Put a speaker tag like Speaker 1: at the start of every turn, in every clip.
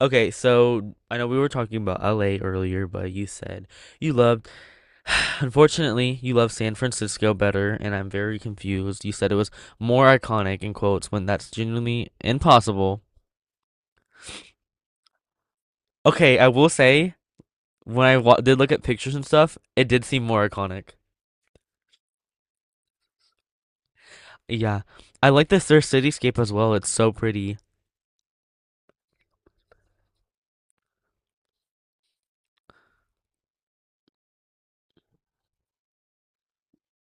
Speaker 1: Okay, so I know we were talking about LA earlier, but you said you loved, unfortunately, you love San Francisco better, and I'm very confused. You said it was more iconic in quotes when that's genuinely impossible. Okay, I will say when I wa did look at pictures and stuff, it did seem more iconic. Yeah, I like this their cityscape as well. It's so pretty.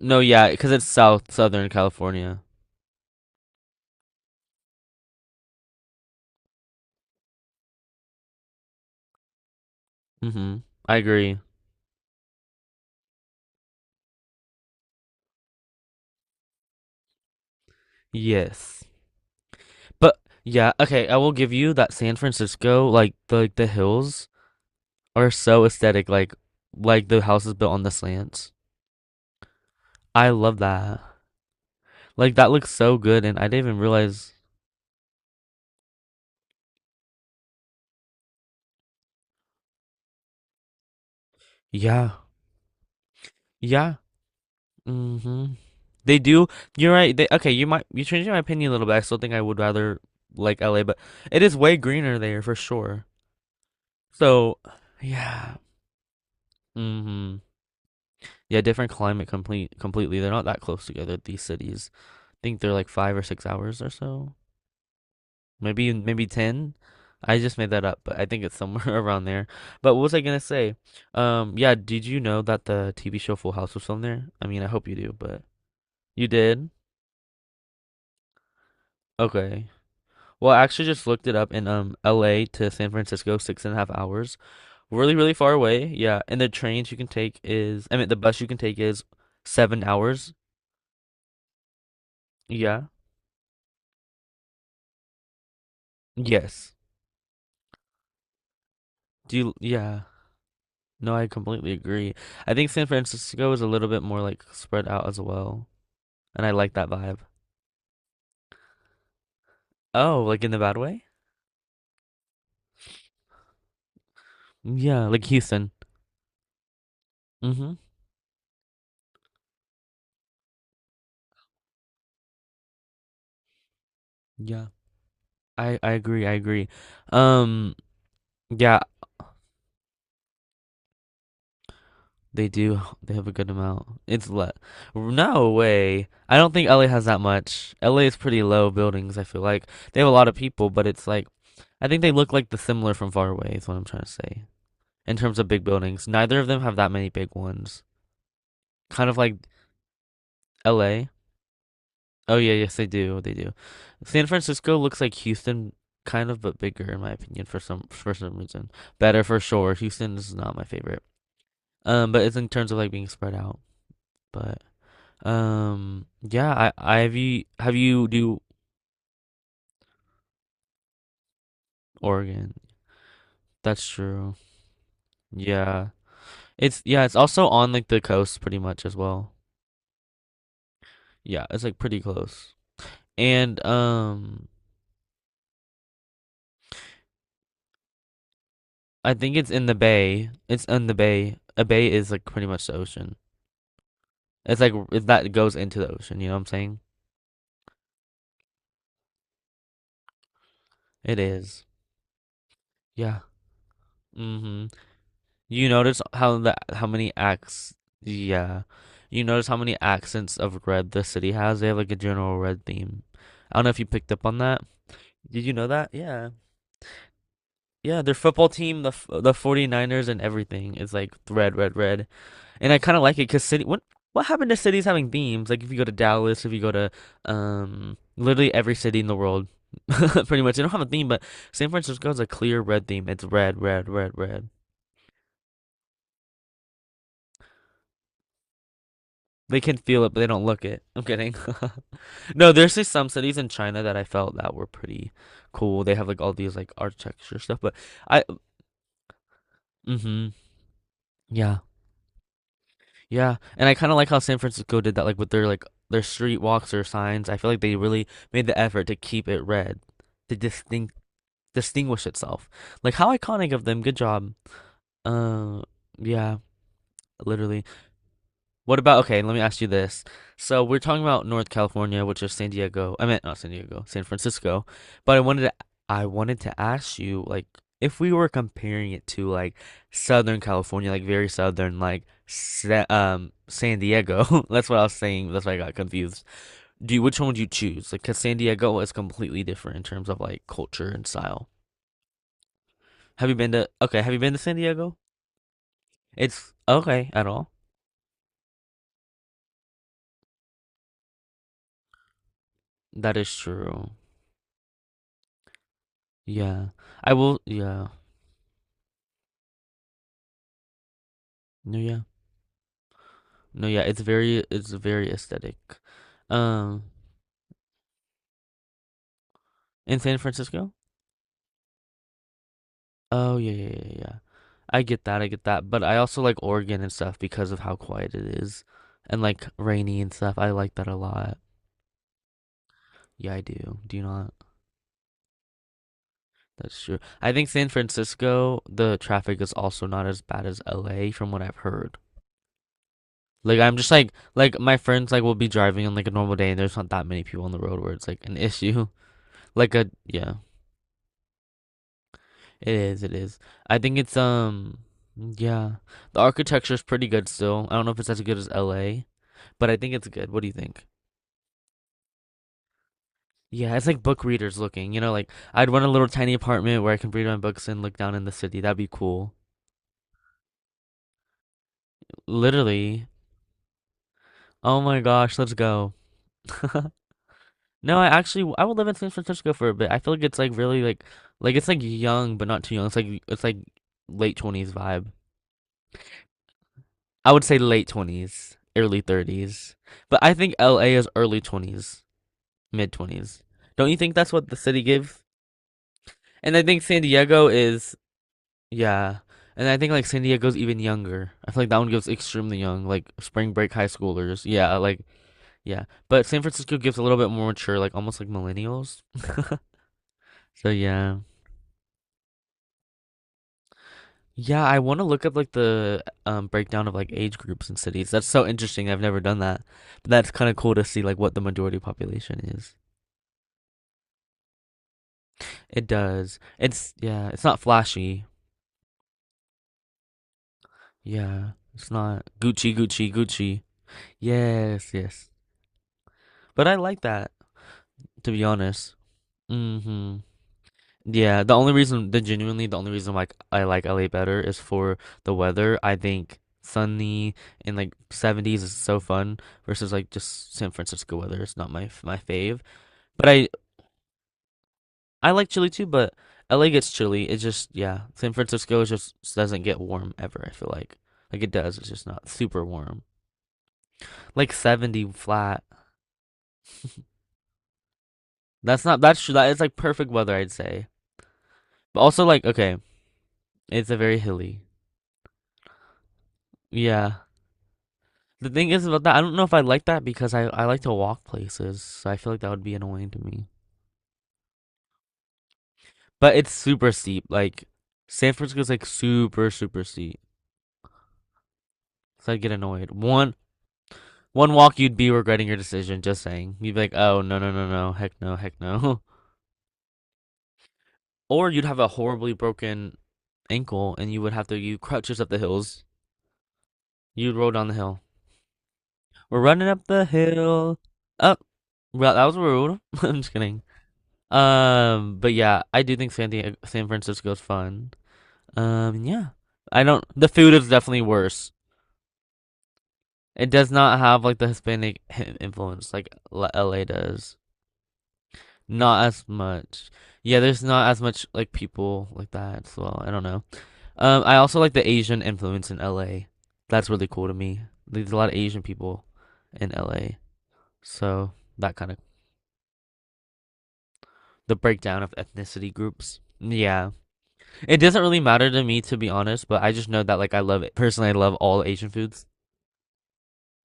Speaker 1: No, yeah, because it's Southern California. Mm-hmm. I agree. Yes. But yeah, okay, I will give you that San Francisco, like the hills are so aesthetic, like the houses built on the slants. I love that. Like that looks so good, and I didn't even realize. Yeah, yeah. Hmm. They do. You're right. They okay. You changed my opinion a little bit. I still think I would rather like LA, but it is way greener there for sure. So yeah. Hmm. Yeah, different climate completely. They're not that close together, these cities. I think they're like 5 or 6 hours or so. Maybe 10. I just made that up, but I think it's somewhere around there. But what was I gonna say? Yeah, did you know that the TV show Full House was filmed there? I mean, I hope you do, but you did? Okay. Well, I actually just looked it up in LA to San Francisco, six and a half hours. Really, really far away. Yeah. And the trains you can take is, I mean, the bus you can take is 7 hours. Yeah. Yes. Do you, yeah. No, I completely agree. I think San Francisco is a little bit more like spread out as well, and I like that vibe. Oh, like in the bad way? Yeah, like Houston. Mm-hmm. Yeah. I agree. I agree. Um, yeah, they do. They have a good amount. It's let. No way. I don't think LA has that much. LA is pretty low buildings, I feel like. They have a lot of people, but it's like I think they look like the similar from far away is what I'm trying to say. In terms of big buildings, neither of them have that many big ones. Kind of like LA? Oh yeah, yes they do. They do. San Francisco looks like Houston kind of but bigger in my opinion for some reason. Better for sure. Houston is not my favorite. But it's in terms of like being spread out. But yeah, I have you do Oregon. That's true. Yeah. It's also on like the coast pretty much as well. Yeah, it's like pretty close. And I think it's in the bay. It's in the bay. A bay is like pretty much the ocean. It's like if that goes into the ocean, you know what I'm saying? It is. Yeah. Mm-hmm. You notice how the how many acts, yeah. You notice how many accents of red the city has? They have like a general red theme. I don't know if you picked up on that. Did you know that? Yeah. Yeah, their football team, the 49ers and everything is like red, red, red. And I kind of like it because city. What happened to cities having themes? Like if you go to Dallas, if you go to literally every city in the world, pretty much they don't have a theme. But San Francisco has a clear red theme. It's red, red, red, red. They can feel it, but they don't look it. I'm kidding. No, there's just some cities in China that I felt that were pretty cool. They have like all these like architecture stuff, but I, mm-hmm, yeah. Yeah, and I kind of like how San Francisco did that, like with their street walks or signs. I feel like they really made the effort to keep it red, to distinct distinguish itself. Like how iconic of them. Good job. Uh, yeah, literally. What about, okay, let me ask you this. So we're talking about North California, which is San Diego. I meant not San Diego, San Francisco. But I wanted to ask you, like, if we were comparing it to like Southern California, like very southern, like Sa San Diego. That's what I was saying. That's why I got confused. Do you, which one would you choose? Like because San Diego is completely different in terms of like culture and style. Have you been to San Diego? It's okay at all. That is true. Yeah. I will, yeah. No, yeah. No, yeah. It's very aesthetic. Um, in San Francisco? Oh, yeah, yeah, yeah, yeah. I get that. I get that. But I also like Oregon and stuff because of how quiet it is and like rainy and stuff. I like that a lot. Yeah, I do. Do you not? That's true. I think San Francisco, the traffic is also not as bad as LA from what I've heard. Like I'm just like my friends like will be driving on like a normal day and there's not that many people on the road where it's like an issue. Like a yeah. It is, it is. I think it's yeah. The architecture is pretty good still. I don't know if it's as good as LA, but I think it's good. What do you think? Yeah, it's like book readers looking. You know, like I'd want a little tiny apartment where I can read my books and look down in the city. That'd be cool. Literally. Oh my gosh, let's go. No, I actually I would live in San Francisco for a bit. I feel like it's like really like it's like young but not too young. It's like late 20s vibe. I would say late 20s, early 30s. But I think LA is early 20s. mid 20s. Don't you think that's what the city gives? And I think San Diego is yeah. And I think like San Diego's even younger. I feel like that one gives extremely young, like spring break high schoolers. Yeah, like yeah. But San Francisco gives a little bit more mature, like almost like millennials. So yeah. Yeah, I want to look up like the breakdown of like age groups in cities. That's so interesting. I've never done that. But that's kind of cool to see like what the majority population is. It does. It's not flashy. Yeah, it's not Gucci, Gucci, Gucci. Yes, yes. But I like that, to be honest. Hmm. Yeah, the only reason, the genuinely, the only reason like I like LA better is for the weather. I think sunny and like 70s is so fun versus like just San Francisco weather. It's not my my fave. But I like chilly too, but LA gets chilly. It just yeah, San Francisco is just doesn't get warm ever, I feel like. Like it does, it's just not super warm. Like 70 flat. That's not that's true. That is like perfect weather, I'd say. But also like okay, it's a very hilly. Yeah. The thing is about that, I don't know if I like that because I like to walk places, so I feel like that would be annoying to me. But it's super steep. Like San Francisco's like super super steep, so I'd get annoyed. One walk you'd be regretting your decision. Just saying, you'd be like, oh no no no no, heck no heck no. Or you'd have a horribly broken ankle and you would have to you crouch up the hills. You'd roll down the hill. We're running up the hill. Up. Oh, well, that was rude. I'm just kidding. But yeah, I do think San Diego, San Francisco is fun. Yeah, I don't. The food is definitely worse. It does not have like the Hispanic influence like LA does. Not as much. Yeah, there's not as much like people like that as well. I don't know. I also like the Asian influence in LA. That's really cool to me. There's a lot of Asian people in LA, so that kind of the breakdown of ethnicity groups. Yeah. It doesn't really matter to me to be honest, but I just know that like I love it. Personally, I love all Asian foods.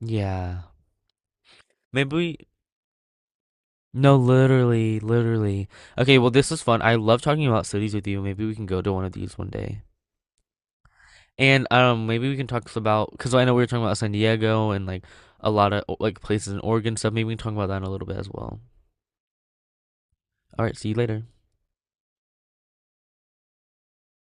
Speaker 1: Yeah. Maybe we no, literally, literally. Okay, well this is fun. I love talking about cities with you. Maybe we can go to one of these one day. And maybe we can talk about cuz I know we were talking about San Diego and like a lot of like places in Oregon stuff. Maybe we can talk about that in a little bit as well. All right, see you later.